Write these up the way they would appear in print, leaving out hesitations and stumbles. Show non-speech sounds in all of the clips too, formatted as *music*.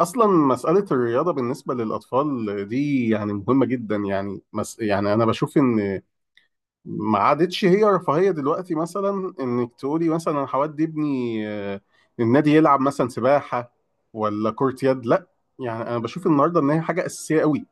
اصلا مساله الرياضه بالنسبه للاطفال دي يعني مهمه جدا، يعني يعني انا بشوف ان ما عادتش هي رفاهيه دلوقتي، مثلا انك تقولي مثلا انا هودي ابني، النادي يلعب مثلا سباحه ولا كره يد، لا يعني انا بشوف النهارده ان هي حاجه اساسيه قوي.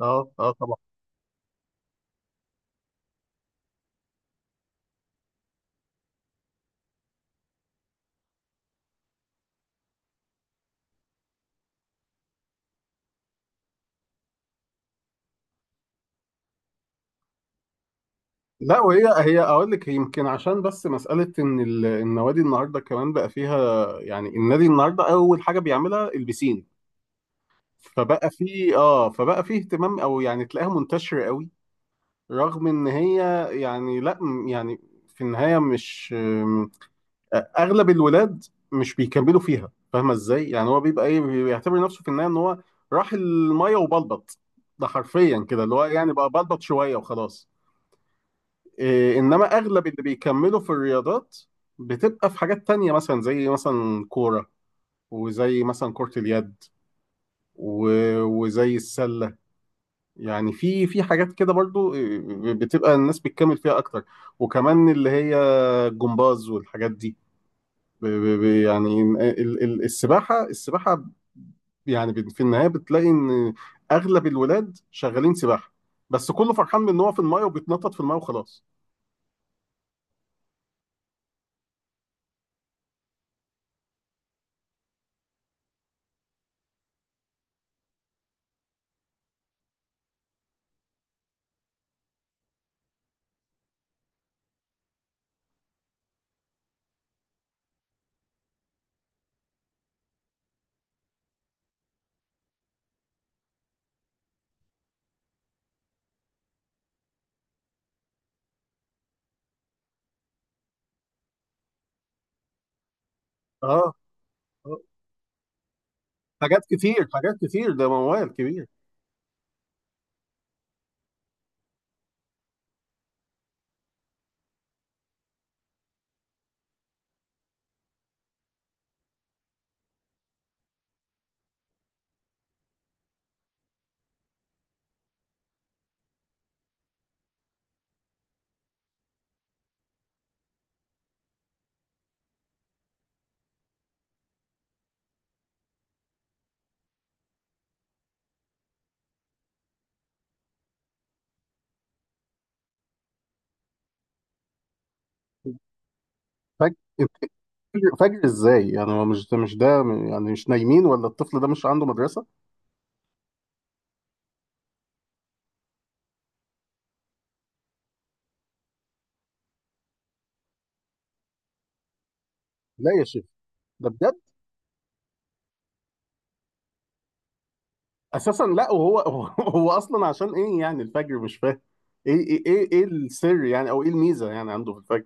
اه اه طبعا. لا وهي اقول لك، هي يمكن عشان بس مساله ان النوادي النهارده كمان بقى فيها، يعني النادي النهارده اول حاجه بيعملها البسين، فبقى في اهتمام، او يعني تلاقيها منتشرة قوي. رغم ان هي يعني لا، يعني في النهاية مش. اغلب الولاد مش بيكملوا فيها، فاهمة ازاي؟ يعني هو بيبقى ايه، بيعتبر نفسه في النهاية ان هو راح المية وبلبط، ده حرفيا كده، اللي هو يعني بقى بلبط شوية وخلاص. إيه، انما اغلب اللي بيكملوا في الرياضات بتبقى في حاجات تانية، مثلا زي مثلا كورة، وزي مثلا كرة اليد، وزي السلة، يعني في حاجات كده برضو. بتبقى الناس بتكمل فيها اكتر، وكمان اللي هي الجمباز والحاجات دي. يعني السباحة، يعني في النهاية بتلاقي ان اغلب الولاد شغالين سباحة، بس كله فرحان من ان هو في المايه وبيتنطط في المايه وخلاص. اه. آه. حاجات كتير حاجات كتير، ده موال كبير. فجر *laughs* فجر ازاي؟ يعني هو مش ده مش ده، يعني مش نايمين؟ ولا الطفل ده مش عنده مدرسة؟ لا يا شيخ، ده بجد. اساسا لا، وهو *laughs* هو اصلا عشان ايه يعني الفجر؟ مش فاهم ايه السر يعني، او ايه الميزه يعني عنده في الفجر؟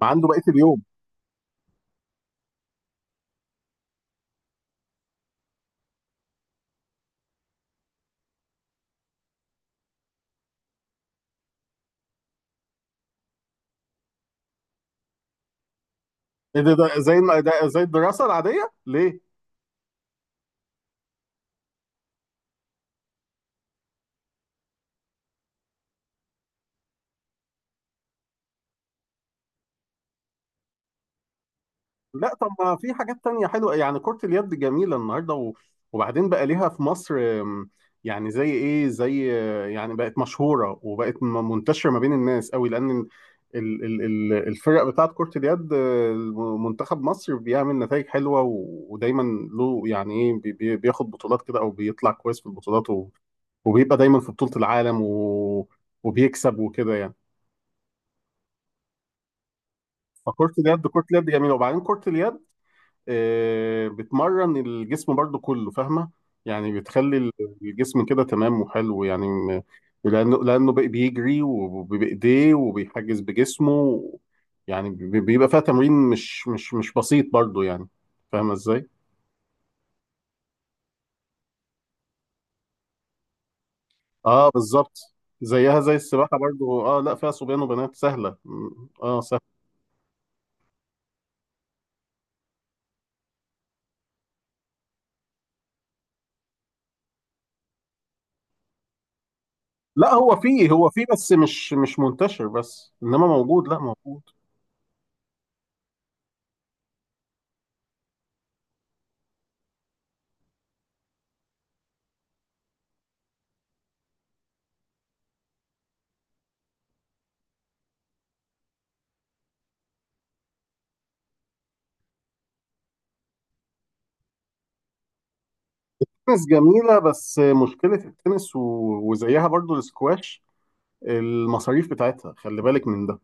ما عنده بقيه اليوم. ايه ده زي الم- ده زي الدراسه العاديه ليه؟ لا طب ما في حاجات تانية حلوة، يعني كرة اليد جميلة النهاردة، و... وبعدين بقى ليها في مصر. يعني زي ايه، زي يعني بقت مشهورة وبقت منتشرة ما بين الناس قوي، لأن ال... ال... الفرق بتاعت كرة اليد. منتخب مصر بيعمل نتائج حلوة، و... ودايما له يعني ايه، بياخد بطولات كده، او بيطلع كويس في البطولات، و... وبيبقى دايما في بطولة العالم و... وبيكسب وكده يعني. فكرة اليد، كرة اليد جميلة، وبعدين كرة اليد بتمرن الجسم برضو كله، فاهمة؟ يعني بتخلي الجسم كده تمام وحلو، يعني لأنه بيجري وبإيديه وبيحجز بجسمه، يعني بيبقى فيها تمرين مش بسيط برضو يعني. فاهمة ازاي؟ اه بالظبط، زيها زي السباحة برضو، اه لا، فيها صبيان وبنات، سهلة م- اه سهلة. لا هو فيه، بس مش منتشر بس، انما موجود، لا موجود. تنس جميلة، بس مشكلة التنس، و... وزيها برضو السكواش، المصاريف بتاعتها، خلي بالك من ده.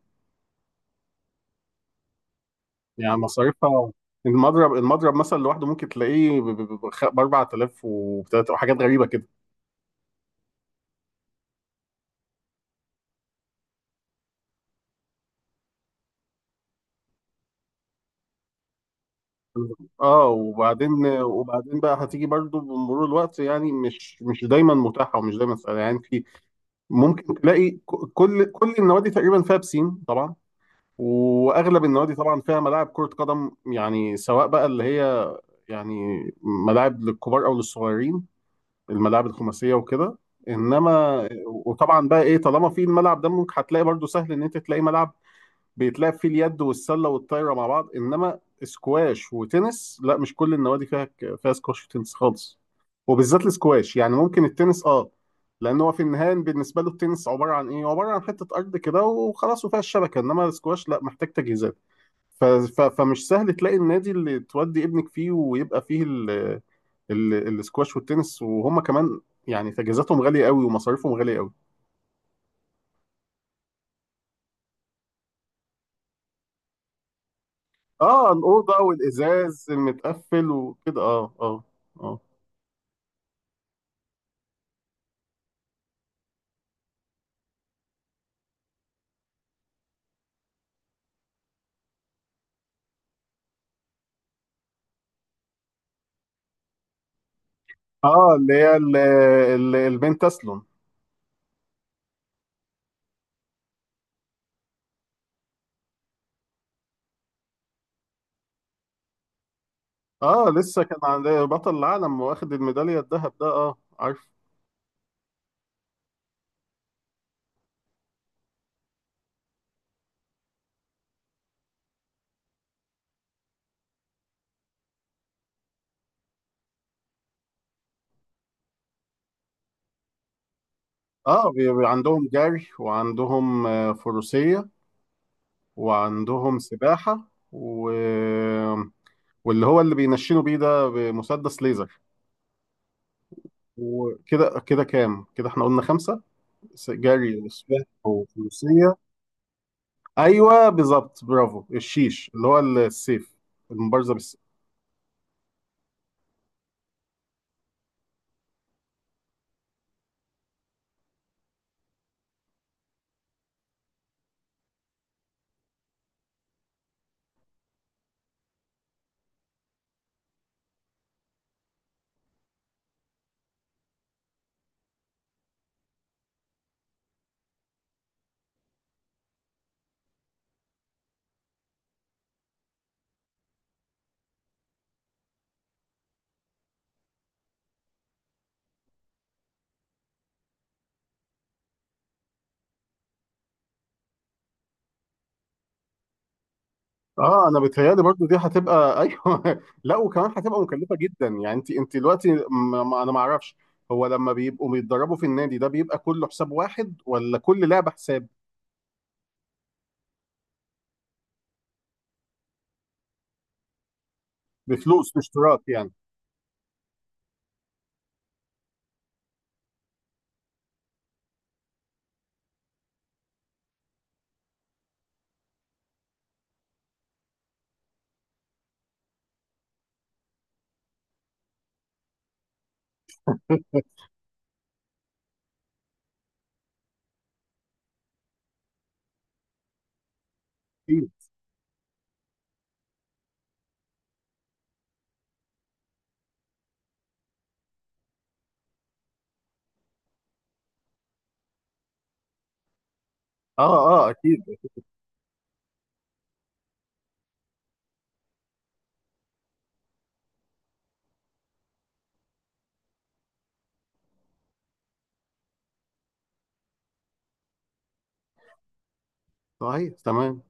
يعني مصاريفها، المضرب مثلا لوحده ممكن تلاقيه ب 4000، وحاجات غريبة كده. اه، وبعدين بقى هتيجي برضو بمرور الوقت، يعني مش دايما متاحة، ومش دايما سهلة يعني. في ممكن تلاقي كل النوادي تقريبا فيها بسين طبعا، واغلب النوادي طبعا فيها ملاعب كرة قدم، يعني سواء بقى اللي هي يعني ملاعب للكبار او للصغيرين، الملاعب الخماسيه وكده. انما وطبعا بقى ايه، طالما في الملعب ده ممكن هتلاقي برضو سهل ان انت تلاقي ملعب بيتلعب فيه اليد والسله والطايره مع بعض، انما سكواش وتنس لا، مش كل النوادي فيها سكواش وتنس خالص. وبالذات السكواش، يعني ممكن التنس اه، لان هو في النهايه بالنسبه له التنس عباره عن حته ارض كده وخلاص وفيها الشبكه، انما السكواش لا، محتاج تجهيزات. فمش سهل تلاقي النادي اللي تودي ابنك فيه ويبقى فيه الاسكواش والتنس، وهم كمان يعني تجهيزاتهم غالية قوي ومصاريفهم غالية قوي. اه الأوضة والإزاز المتقفل وكده، اه اه. اه اه، اللي هي البنت تسلم. اه، لسه كان عند بطل العالم واخد الميدالية الذهب ده، اه عارف. اه عندهم جري، وعندهم فروسية، وعندهم سباحة، و... واللي هو اللي بينشنوا بيه ده بمسدس ليزر، وكده كده كام كده؟ احنا قلنا خمسة: جري وسباحة وفروسية. أيوه بالظبط، برافو، الشيش اللي هو السيف، المبارزة بالسيف. اه انا بتهيالي برضو دي هتبقى *laughs* ايوه، لا وكمان هتبقى مكلفه جدا، يعني انت دلوقتي، م... انا ما اعرفش، هو لما بيبقوا بيتدربوا في النادي ده بيبقى كله حساب واحد ولا كل لعبه حساب بفلوس، باشتراك يعني؟ *laughs* اكيد. اه اه اكيد. صحيح تمام.